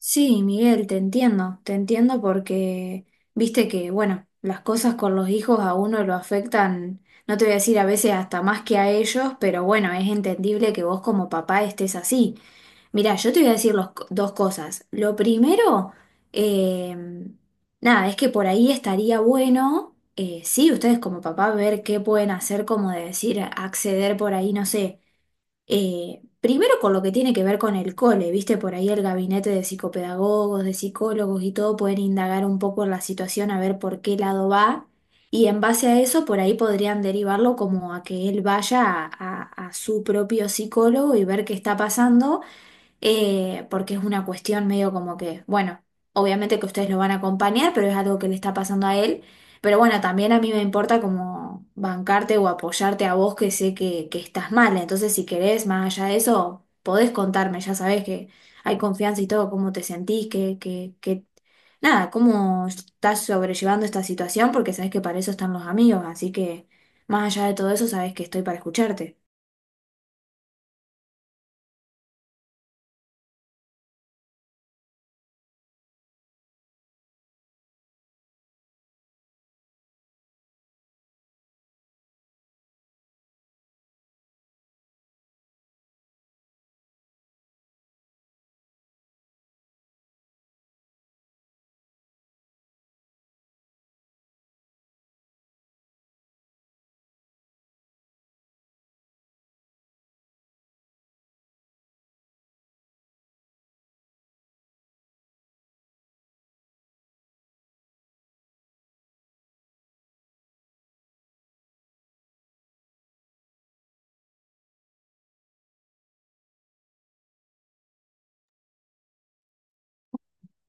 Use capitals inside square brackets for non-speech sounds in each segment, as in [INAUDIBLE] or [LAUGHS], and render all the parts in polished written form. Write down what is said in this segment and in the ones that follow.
Sí, Miguel, te entiendo porque viste que, bueno, las cosas con los hijos a uno lo afectan, no te voy a decir a veces hasta más que a ellos, pero bueno, es entendible que vos como papá estés así. Mirá, yo te voy a decir dos cosas. Lo primero, eh, nada, es que por ahí estaría bueno, sí, ustedes como papá ver qué pueden hacer, como de decir, acceder por ahí, no sé, primero con lo que tiene que ver con el cole, ¿viste? Por ahí el gabinete de psicopedagogos, de psicólogos y todo pueden indagar un poco en la situación a ver por qué lado va, y en base a eso por ahí podrían derivarlo como a que él vaya a su propio psicólogo y ver qué está pasando, porque es una cuestión medio como que, bueno, obviamente que ustedes lo van a acompañar, pero es algo que le está pasando a él. Pero bueno, también a mí me importa como bancarte o apoyarte a vos que sé que estás mal. Entonces, si querés, más allá de eso, podés contarme, ya sabés que hay confianza y todo, cómo te sentís, nada, cómo estás sobrellevando esta situación, porque sabés que para eso están los amigos, así que más allá de todo eso, sabés que estoy para escucharte.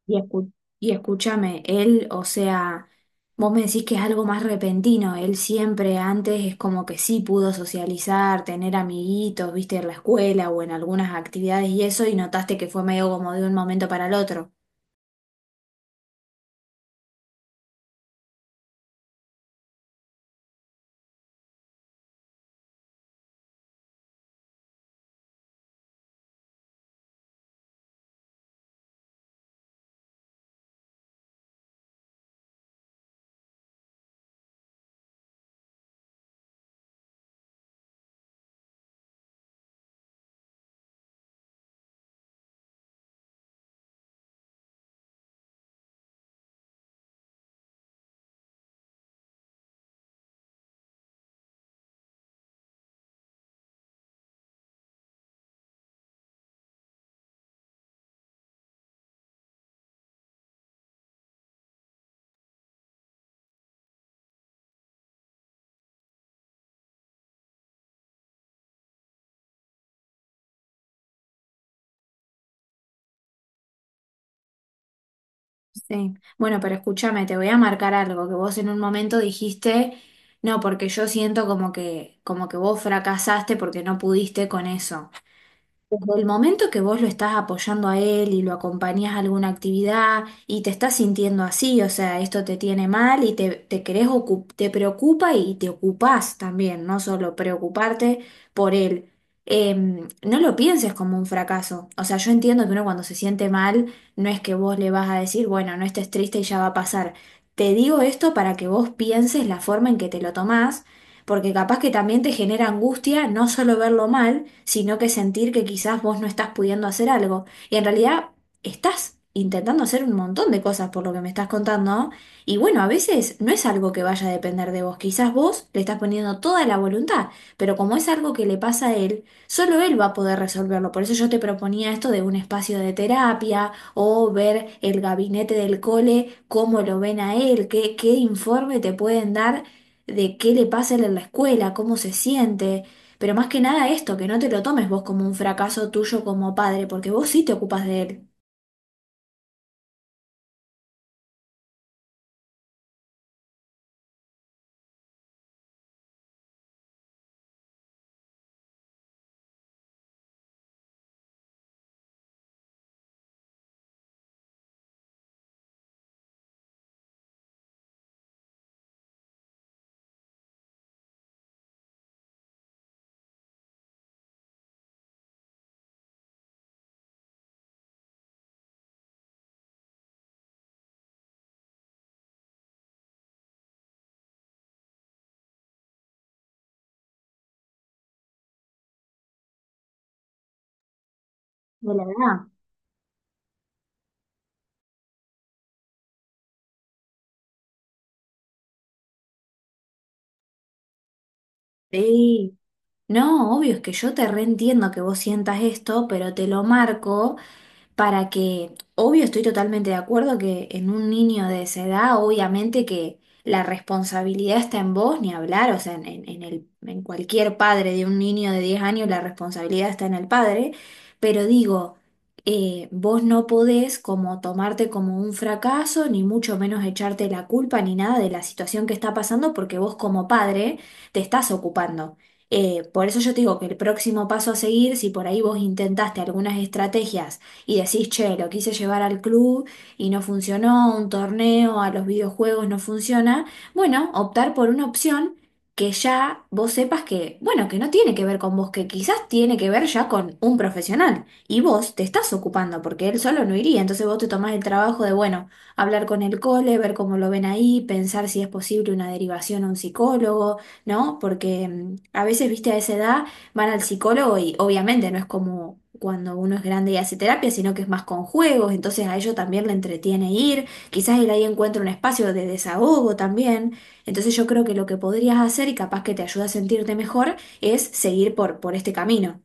Y, escu- y escúchame, él, o sea, vos me decís que es algo más repentino, él siempre antes es como que sí pudo socializar, tener amiguitos, viste, en la escuela o en algunas actividades y eso, y notaste que fue medio como de un momento para el otro. Sí. Bueno, pero escúchame, te voy a marcar algo que vos en un momento dijiste, no, porque yo siento como que vos fracasaste porque no pudiste con eso. Desde el momento que vos lo estás apoyando a él y lo acompañás a alguna actividad y te estás sintiendo así, o sea, esto te tiene mal y te, te preocupa y te ocupás también, no solo preocuparte por él. No lo pienses como un fracaso. O sea, yo entiendo que uno cuando se siente mal, no es que vos le vas a decir, bueno, no estés triste y ya va a pasar. Te digo esto para que vos pienses la forma en que te lo tomás porque capaz que también te genera angustia no solo verlo mal, sino que sentir que quizás vos no estás pudiendo hacer algo. Y en realidad estás intentando hacer un montón de cosas por lo que me estás contando, ¿no? Y bueno, a veces no es algo que vaya a depender de vos, quizás vos le estás poniendo toda la voluntad, pero como es algo que le pasa a él, solo él va a poder resolverlo. Por eso yo te proponía esto de un espacio de terapia o ver el gabinete del cole, cómo lo ven a él, qué informe te pueden dar de qué le pasa a él en la escuela, cómo se siente, pero más que nada esto, que no te lo tomes vos como un fracaso tuyo como padre, porque vos sí te ocupas de él. De la edad. Sí. No, obvio, es que yo te reentiendo que vos sientas esto, pero te lo marco, para que, obvio, estoy totalmente de acuerdo que en un niño de esa edad, obviamente que la responsabilidad está en vos, ni hablar, o sea, en cualquier padre de un niño de 10 años, la responsabilidad está en el padre, pero digo, vos no podés como tomarte como un fracaso, ni mucho menos echarte la culpa ni nada de la situación que está pasando, porque vos como padre te estás ocupando. Por eso yo te digo que el próximo paso a seguir, si por ahí vos intentaste algunas estrategias, y decís, che, lo quise llevar al club y no funcionó, un torneo, a los videojuegos no funciona, bueno, optar por una opción que ya vos sepas que, bueno, que no tiene que ver con vos, que quizás tiene que ver ya con un profesional y vos te estás ocupando porque él solo no iría, entonces vos te tomás el trabajo de, bueno, hablar con el cole, ver cómo lo ven ahí, pensar si es posible una derivación a un psicólogo, ¿no? Porque a veces, viste, a esa edad van al psicólogo y obviamente no es como cuando uno es grande y hace terapia, sino que es más con juegos, entonces a ellos también le entretiene ir, quizás él ahí encuentra un espacio de desahogo también, entonces yo creo que lo que podrías hacer y capaz que te ayuda a sentirte mejor es seguir por este camino.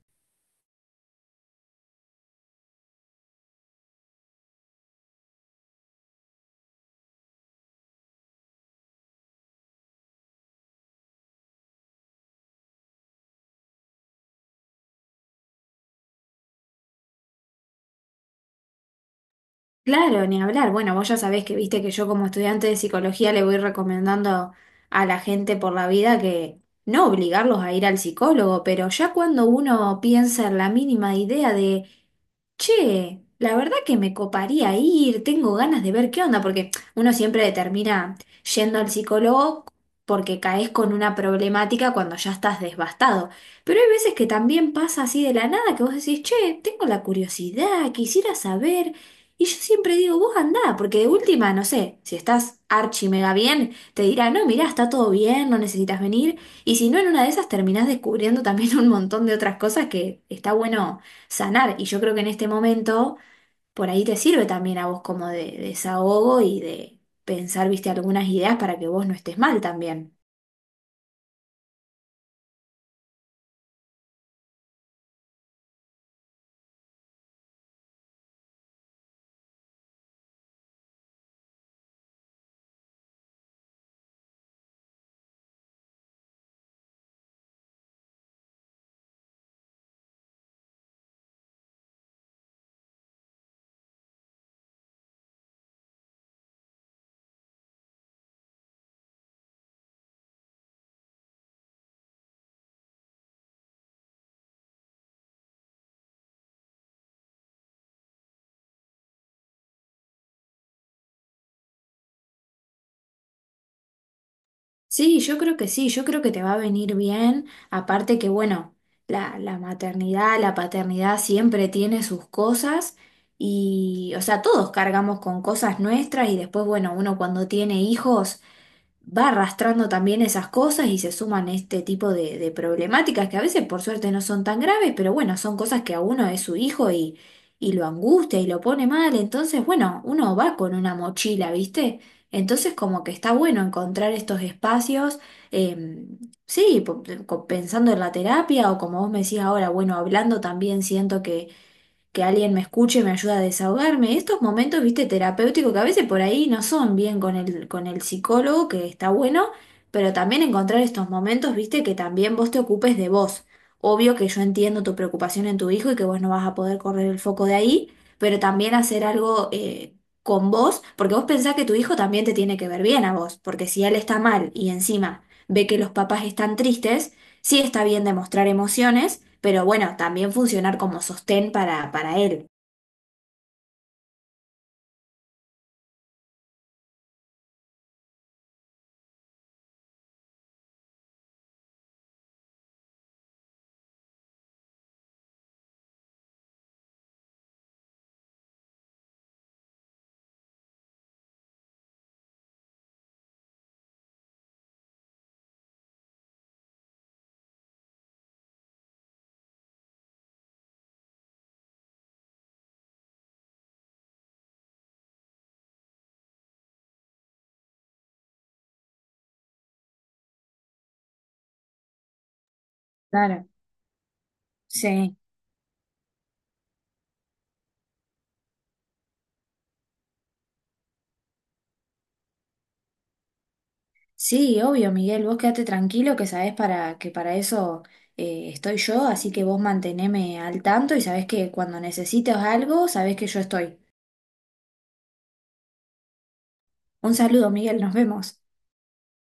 Claro, ni hablar, bueno, vos ya sabés que viste que yo como estudiante de psicología le voy recomendando a la gente por la vida que no obligarlos a ir al psicólogo, pero ya cuando uno piensa en la mínima idea de che, la verdad que me coparía ir, tengo ganas de ver qué onda, porque uno siempre termina yendo al psicólogo porque caes con una problemática cuando ya estás devastado. Pero hay veces que también pasa así de la nada que vos decís, che, tengo la curiosidad, quisiera saber. Y yo siempre digo, vos andá, porque de última, no sé, si estás archi mega bien, te dirá, no, mirá, está todo bien, no necesitas venir. Y si no, en una de esas terminás descubriendo también [LAUGHS] un montón de otras cosas que está bueno sanar. Y yo creo que en este momento por ahí te sirve también a vos como de desahogo y de pensar, viste, algunas ideas para que vos no estés mal también. Sí, yo creo que sí, yo creo que te va a venir bien. Aparte que, bueno, la maternidad, la paternidad siempre tiene sus cosas. Y, o sea, todos cargamos con cosas nuestras y después, bueno, uno cuando tiene hijos va arrastrando también esas cosas y se suman este tipo de problemáticas que a veces por suerte no son tan graves, pero bueno, son cosas que a uno es su hijo y lo angustia y lo pone mal, entonces bueno, uno va con una mochila, ¿viste? Entonces como que está bueno encontrar estos espacios, eh, pensando en la terapia o como vos me decís ahora, bueno, hablando también siento que alguien me escuche me ayuda a desahogarme. Estos momentos, viste, terapéuticos que a veces por ahí no son bien con el psicólogo, que está bueno, pero también encontrar estos momentos, viste, que también vos te ocupes de vos. Obvio que yo entiendo tu preocupación en tu hijo y que vos no vas a poder correr el foco de ahí, pero también hacer algo con vos, porque vos pensás que tu hijo también te tiene que ver bien a vos, porque si él está mal y encima ve que los papás están tristes, sí está bien demostrar emociones, pero bueno, también funcionar como sostén para él. Claro, sí, sí, obvio, Miguel, vos quédate tranquilo que sabés que para eso estoy yo, así que vos manteneme al tanto y sabés que cuando necesites algo, sabés que yo estoy. Un saludo, Miguel, nos vemos.